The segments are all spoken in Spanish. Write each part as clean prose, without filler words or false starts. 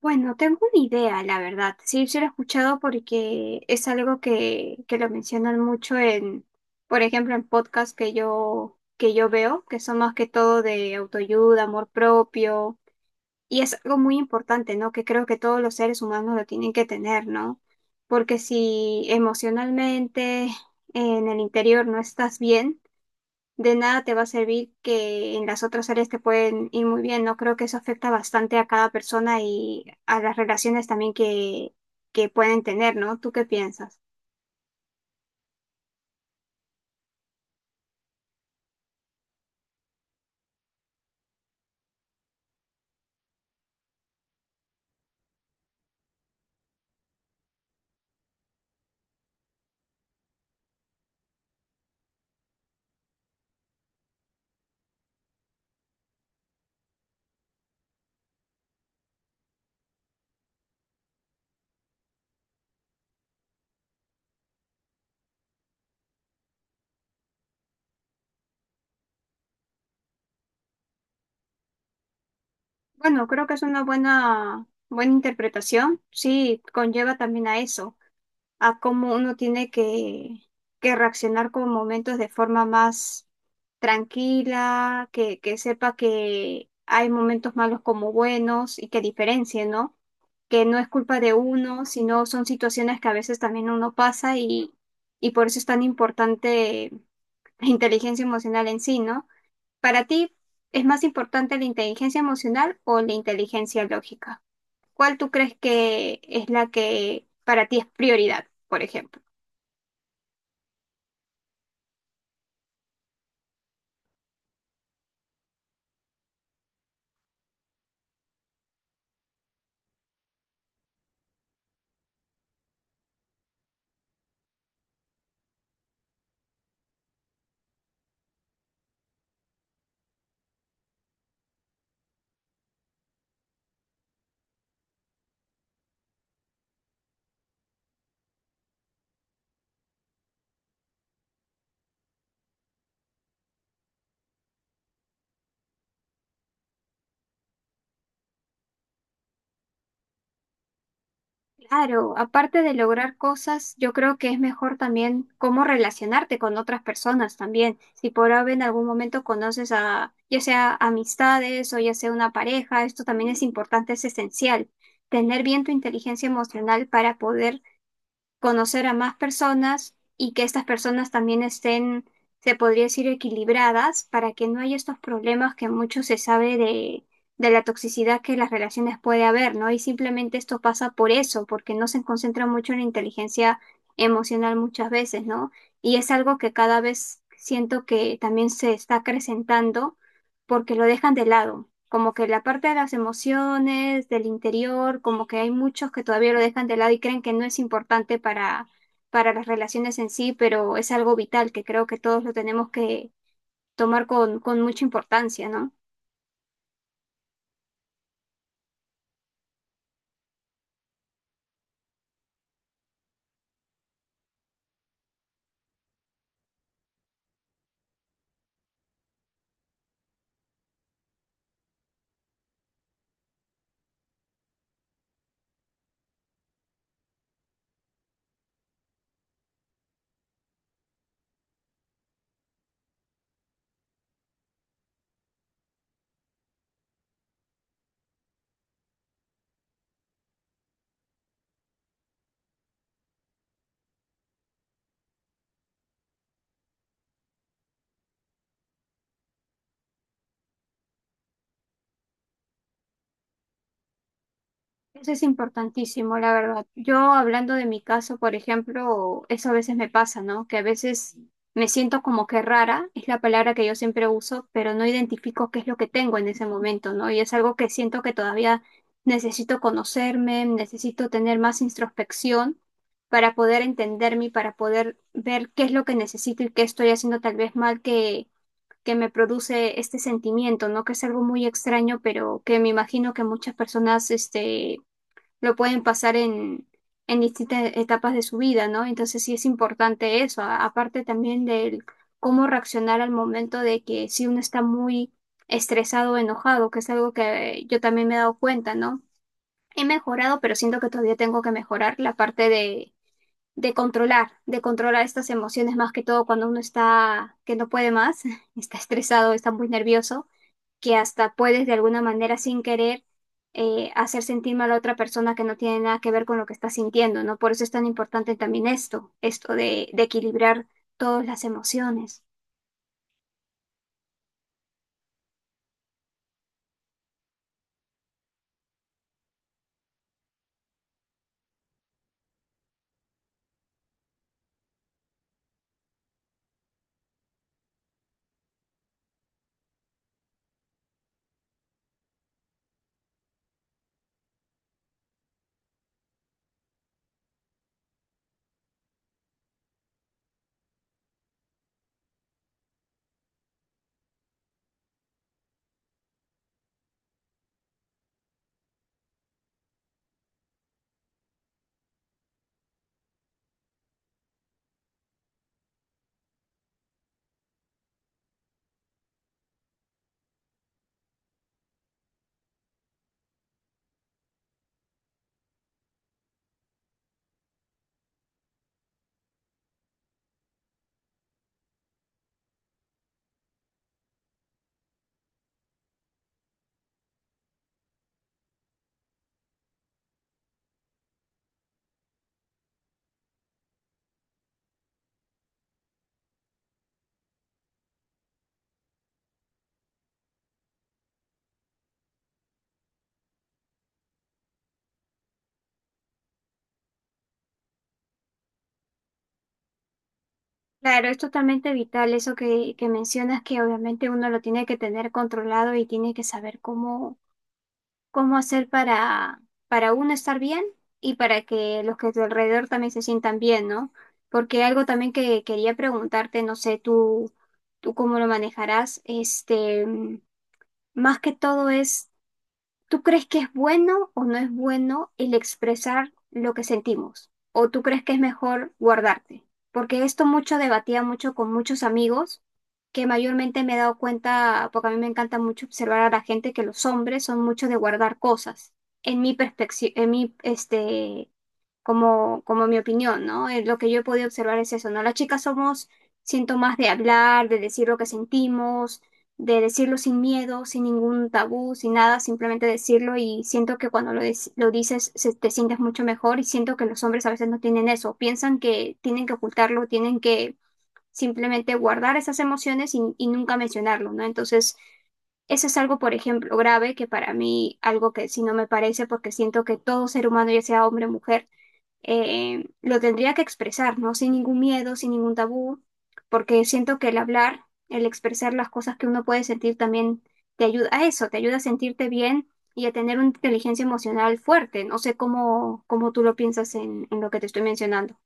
Bueno, tengo una idea, la verdad. Sí, sí lo he escuchado porque es algo que lo mencionan mucho en, por ejemplo, en podcasts que yo veo, que son más que todo de autoayuda, amor propio. Y es algo muy importante, ¿no? Que creo que todos los seres humanos lo tienen que tener, ¿no? Porque si emocionalmente en el interior no estás bien, de nada te va a servir que en las otras áreas te pueden ir muy bien, ¿no? Creo que eso afecta bastante a cada persona y a las relaciones también que pueden tener, ¿no? ¿Tú qué piensas? Bueno, creo que es una buena, buena interpretación. Sí, conlleva también a eso, a cómo uno tiene que reaccionar con momentos de forma más tranquila, que sepa que hay momentos malos como buenos y que diferencie, ¿no? Que no es culpa de uno, sino son situaciones que a veces también uno pasa, y por eso es tan importante la inteligencia emocional en sí, ¿no? Para ti, ¿es más importante la inteligencia emocional o la inteligencia lógica? ¿Cuál tú crees que es la que para ti es prioridad, por ejemplo? Claro, aparte de lograr cosas, yo creo que es mejor también cómo relacionarte con otras personas también. Si por ahora en algún momento conoces a, ya sea amistades o ya sea una pareja, esto también es importante, es esencial. Tener bien tu inteligencia emocional para poder conocer a más personas y que estas personas también estén, se podría decir, equilibradas para que no haya estos problemas que mucho se sabe de la toxicidad que las relaciones puede haber, ¿no? Y simplemente esto pasa por eso, porque no se concentra mucho en la inteligencia emocional muchas veces, ¿no? Y es algo que cada vez siento que también se está acrecentando porque lo dejan de lado. Como que la parte de las emociones, del interior, como que hay muchos que todavía lo dejan de lado y creen que no es importante para las relaciones en sí, pero es algo vital que creo que todos lo tenemos que tomar con mucha importancia, ¿no? Eso es importantísimo, la verdad. Yo hablando de mi caso, por ejemplo, eso a veces me pasa, ¿no? Que a veces me siento como que rara, es la palabra que yo siempre uso, pero no identifico qué es lo que tengo en ese momento, ¿no? Y es algo que siento que todavía necesito conocerme, necesito tener más introspección para poder entenderme y para poder ver qué es lo que necesito y qué estoy haciendo tal vez mal que me produce este sentimiento, ¿no? Que es algo muy extraño, pero que me imagino que muchas personas, este, lo pueden pasar en distintas etapas de su vida, ¿no? Entonces sí es importante eso, a- aparte también del cómo reaccionar al momento de que si uno está muy estresado o enojado, que es algo que yo también me he dado cuenta, ¿no? He mejorado, pero siento que todavía tengo que mejorar la parte de controlar estas emociones más que todo cuando uno está, que no puede más, está estresado, está muy nervioso, que hasta puedes de alguna manera sin querer hacer sentir mal a otra persona que no tiene nada que ver con lo que está sintiendo, ¿no? Por eso es tan importante también esto de equilibrar todas las emociones. Claro, es totalmente vital eso que mencionas, que obviamente uno lo tiene que tener controlado y tiene que saber cómo, cómo hacer para uno estar bien y para que los que a tu alrededor también se sientan bien, ¿no? Porque algo también que quería preguntarte, no sé, tú cómo lo manejarás, este, más que todo es, ¿tú crees que es bueno o no es bueno el expresar lo que sentimos? ¿O tú crees que es mejor guardarte? Porque esto mucho debatía mucho con muchos amigos, que mayormente me he dado cuenta, porque a mí me encanta mucho observar a la gente, que los hombres son mucho de guardar cosas. En mi perspectiva, en mi, este, como, como mi opinión, ¿no? Lo que yo he podido observar es eso, ¿no? Las chicas somos, siento más de hablar, de decir lo que sentimos, de decirlo sin miedo, sin ningún tabú, sin nada, simplemente decirlo y siento que cuando lo dices te sientes mucho mejor y siento que los hombres a veces no tienen eso, piensan que tienen que ocultarlo, tienen que simplemente guardar esas emociones y nunca mencionarlo, ¿no? Entonces... eso es algo, por ejemplo, grave, que para mí algo que si no me parece, porque siento que todo ser humano, ya sea hombre o mujer, lo tendría que expresar, ¿no? Sin ningún miedo, sin ningún tabú, porque siento que el hablar, el expresar las cosas que uno puede sentir también te ayuda a eso, te ayuda a sentirte bien y a tener una inteligencia emocional fuerte. No sé cómo, cómo tú lo piensas en lo que te estoy mencionando.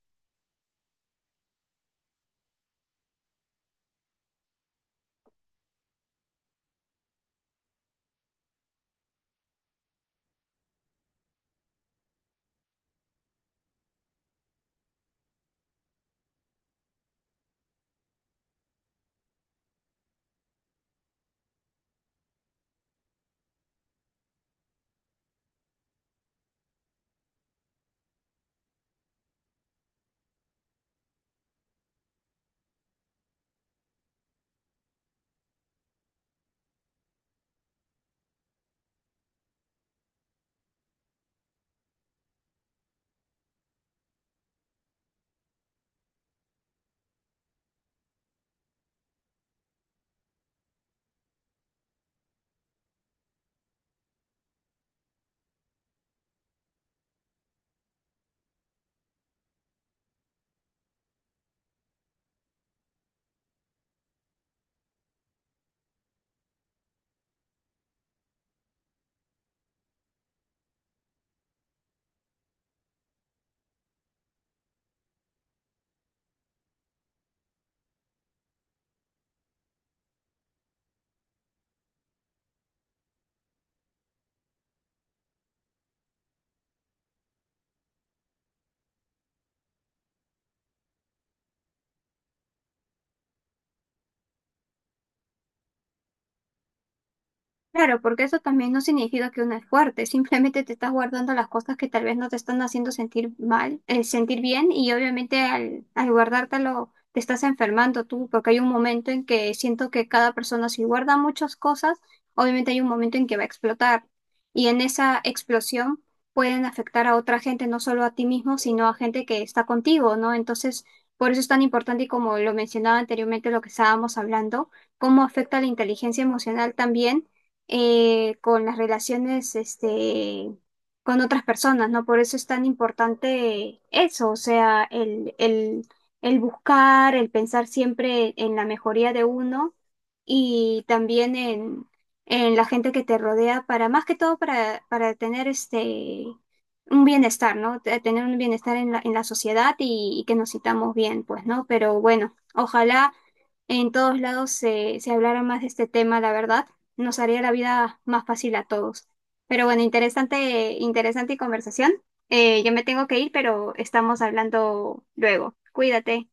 Claro, porque eso también no significa que uno es fuerte, simplemente te estás guardando las cosas que tal vez no te están haciendo sentir mal, sentir bien y obviamente al guardártelo te estás enfermando tú, porque hay un momento en que siento que cada persona si guarda muchas cosas, obviamente hay un momento en que va a explotar y en esa explosión pueden afectar a otra gente, no solo a ti mismo, sino a gente que está contigo, ¿no? Entonces, por eso es tan importante y como lo mencionaba anteriormente, lo que estábamos hablando, cómo afecta la inteligencia emocional también, con las relaciones este, con otras personas, ¿no? Por eso es tan importante eso, o sea, el buscar, el pensar siempre en la mejoría de uno y también en la gente que te rodea para, más que todo, para tener este... un bienestar, ¿no? Te- tener un bienestar en la sociedad y que nos sintamos bien, pues, ¿no? Pero bueno, ojalá en todos lados se, se hablara más de este tema, la verdad nos haría la vida más fácil a todos. Pero bueno, interesante, interesante conversación. Yo me tengo que ir, pero estamos hablando luego. Cuídate.